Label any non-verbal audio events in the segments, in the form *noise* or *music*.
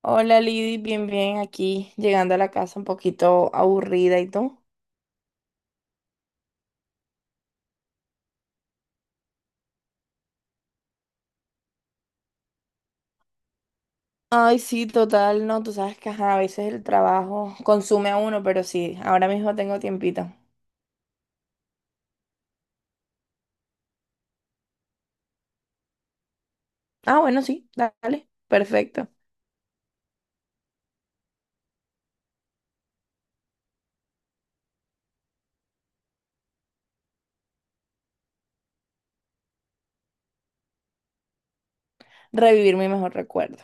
Hola Lidy, bien, bien, aquí llegando a la casa un poquito aburrida y tú. Ay, sí, total, no, tú sabes que ajá, a veces el trabajo consume a uno, pero sí, ahora mismo tengo tiempito. Ah, bueno, sí, dale, perfecto. Revivir mi mejor recuerdo,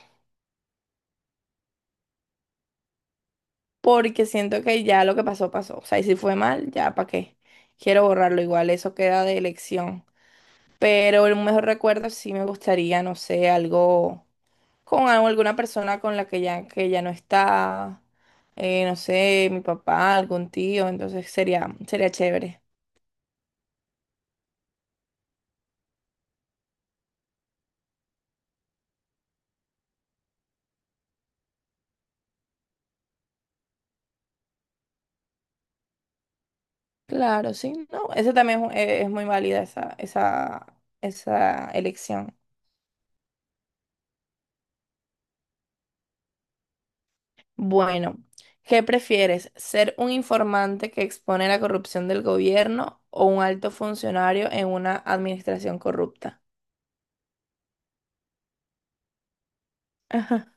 porque siento que ya lo que pasó, pasó. O sea, y si fue mal, ya, ¿para qué? Quiero borrarlo, igual eso queda de elección. Pero el mejor recuerdo sí me gustaría, no sé, algo con alguna persona con la que ya no está, no sé, mi papá, algún tío, entonces sería, sería chévere. Claro, sí, no, esa también es, es muy válida esa, esa, esa elección. Bueno, ¿qué prefieres? ¿Ser un informante que expone la corrupción del gobierno o un alto funcionario en una administración corrupta? *laughs*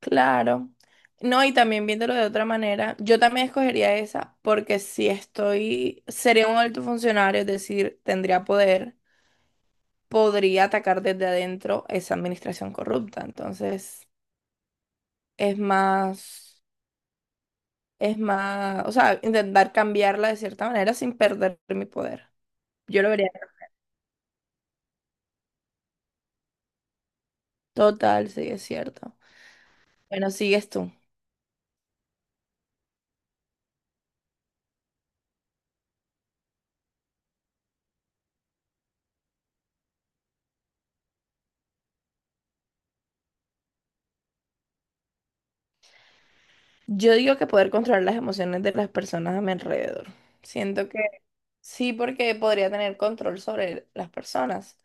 Claro. No, y también viéndolo de otra manera, yo también escogería esa porque si estoy, sería un alto funcionario, es decir, tendría poder, podría atacar desde adentro esa administración corrupta. Entonces, es más, es más, o sea, intentar cambiarla de cierta manera sin perder mi poder. Yo lo vería. Total, sí, es cierto. Bueno, sigues tú. Yo digo que poder controlar las emociones de las personas a mi alrededor. Siento que. Sí, porque podría tener control sobre las personas.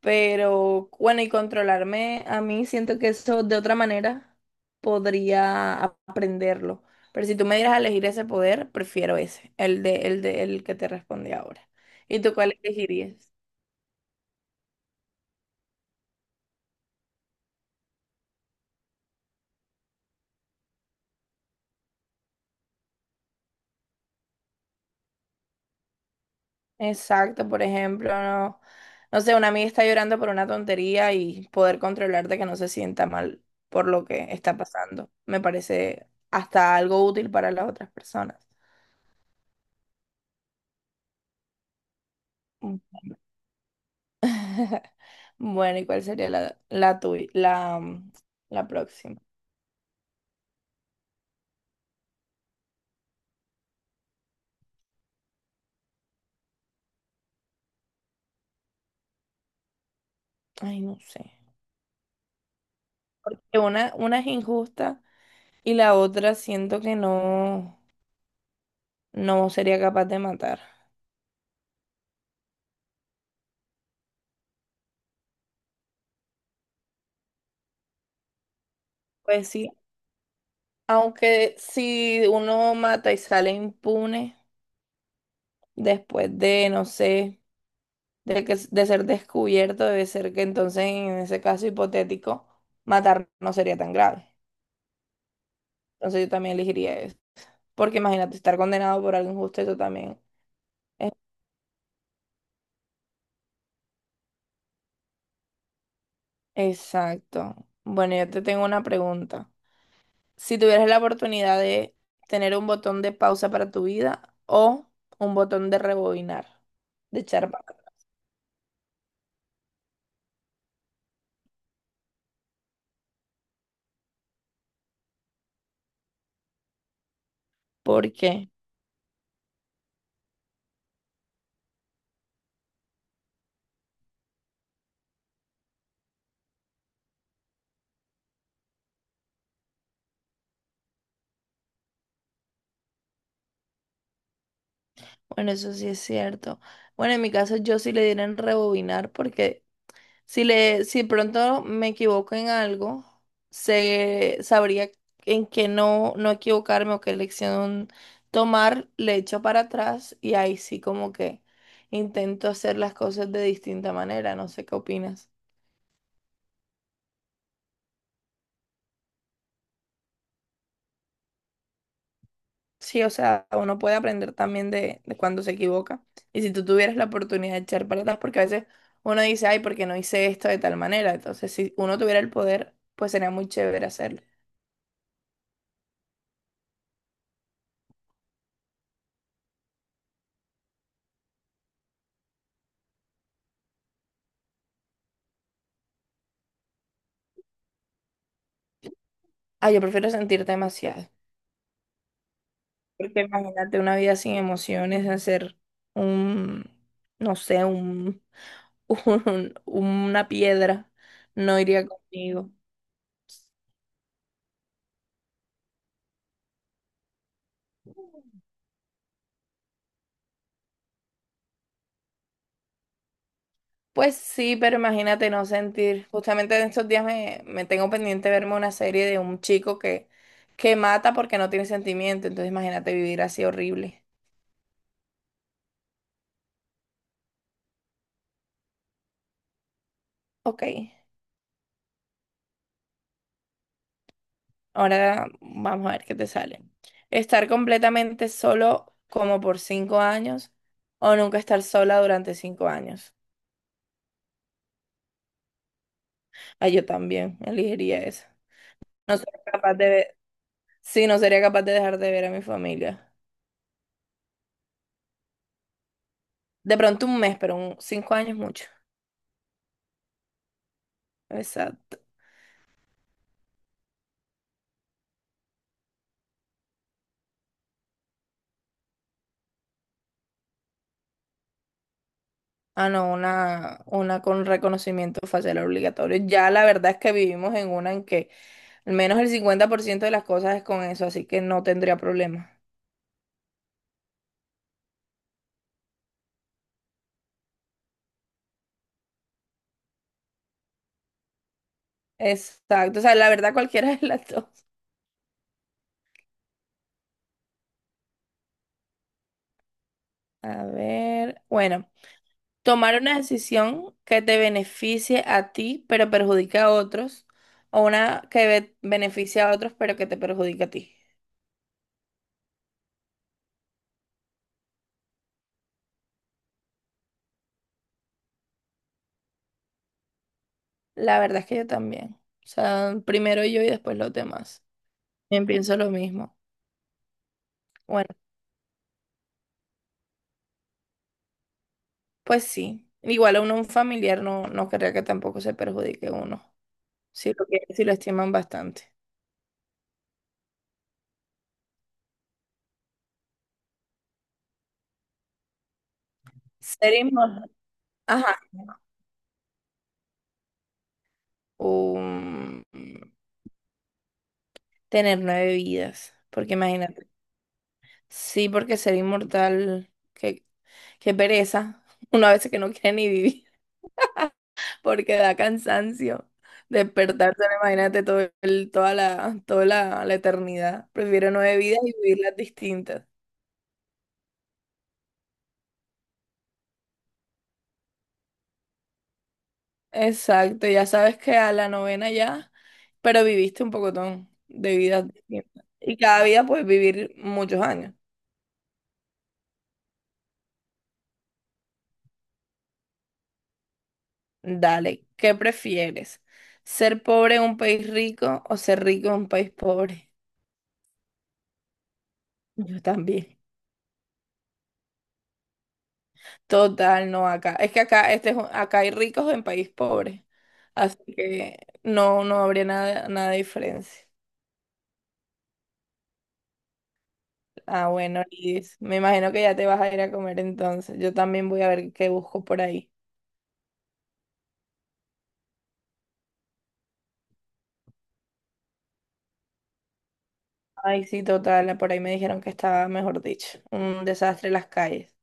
Pero bueno, y controlarme a mí, siento que eso de otra manera podría aprenderlo. Pero si tú me dieras a elegir ese poder, prefiero ese, el de, el de, el que te respondí ahora. ¿Y tú cuál elegirías? Exacto, por ejemplo, no, no sé, una amiga está llorando por una tontería y poder controlarte que no se sienta mal por lo que está pasando. Me parece hasta algo útil para las otras personas. *laughs* Bueno, ¿y cuál sería la, la tuya, la, la próxima? Ay, no sé. Porque una es injusta y la otra siento que no, no sería capaz de matar. Pues sí, aunque si uno mata y sale impune después de, no sé, de que, de ser descubierto, debe ser que entonces en ese caso hipotético, matar no sería tan grave. Entonces yo también elegiría eso. Porque imagínate, estar condenado por algo injusto, eso también es. Exacto. Bueno, yo te tengo una pregunta. Si tuvieras la oportunidad de tener un botón de pausa para tu vida o un botón de rebobinar, de echar para atrás. ¿Por qué? Bueno, eso sí es cierto. Bueno, en mi caso yo sí le diera en rebobinar porque si le, si pronto me equivoco en algo, se sabría en qué no, no equivocarme o qué lección tomar, le echo para atrás y ahí sí como que intento hacer las cosas de distinta manera, no sé qué opinas. Sí, o sea, uno puede aprender también de cuando se equivoca. Y si tú tuvieras la oportunidad de echar para atrás, porque a veces uno dice, ay, ¿porque no hice esto de tal manera? Entonces, si uno tuviera el poder, pues sería muy chévere hacerlo. Ah, yo prefiero sentir demasiado. Porque imagínate una vida sin emociones, hacer un, no sé, un, *laughs* una piedra, no iría conmigo. Pues sí, pero imagínate no sentir. Justamente en estos días me, me tengo pendiente verme una serie de un chico que mata porque no tiene sentimiento. Entonces imagínate vivir así horrible. Ok, ahora vamos a ver qué te sale. Estar completamente solo como por 5 años o nunca estar sola durante 5 años. Ah, yo también elegiría esa. No sería capaz de ver, sí, no sería capaz de dejar de ver a mi familia. De pronto un mes, pero un, 5 años mucho. Exacto. Ah, no, una con reconocimiento facial obligatorio. Ya la verdad es que vivimos en una en que al menos el 50% de las cosas es con eso, así que no tendría problema. Exacto. O sea, la verdad cualquiera *laughs* de las dos. A ver, bueno. Tomar una decisión que te beneficie a ti, pero perjudica a otros, o una que beneficie a otros, pero que te perjudica a ti. La verdad es que yo también. O sea, primero yo y después los demás. Bien, pienso lo mismo. Bueno, pues sí. Igual a uno, un familiar no, no querría que tampoco se perjudique uno. Si lo estiman bastante. Ser inmortal. Ajá. Um, tener 9 vidas. Porque imagínate. Sí, porque ser inmortal. Que qué pereza. Una vez que no quiere ni vivir *laughs* porque da cansancio. Despertarse, ahora imagínate toda la, la eternidad. Prefiero 9 vidas y vivirlas distintas. Exacto, ya sabes que a la novena ya, pero viviste un pocotón de vidas distintas. Y cada vida puedes vivir muchos años. Dale, ¿qué prefieres? ¿Ser pobre en un país rico o ser rico en un país pobre? Yo también. Total, no acá. Es que acá, acá hay ricos en país pobre. Así que no, no habría nada, nada de diferencia. Ah, bueno, Lidis, me imagino que ya te vas a ir a comer entonces. Yo también voy a ver qué busco por ahí. Ay, sí, total, por ahí me dijeron que estaba, mejor dicho, un desastre las calles.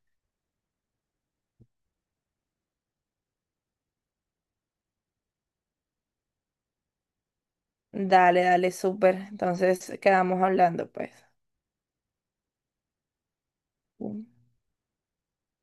Dale, dale, súper. Entonces quedamos hablando, pues.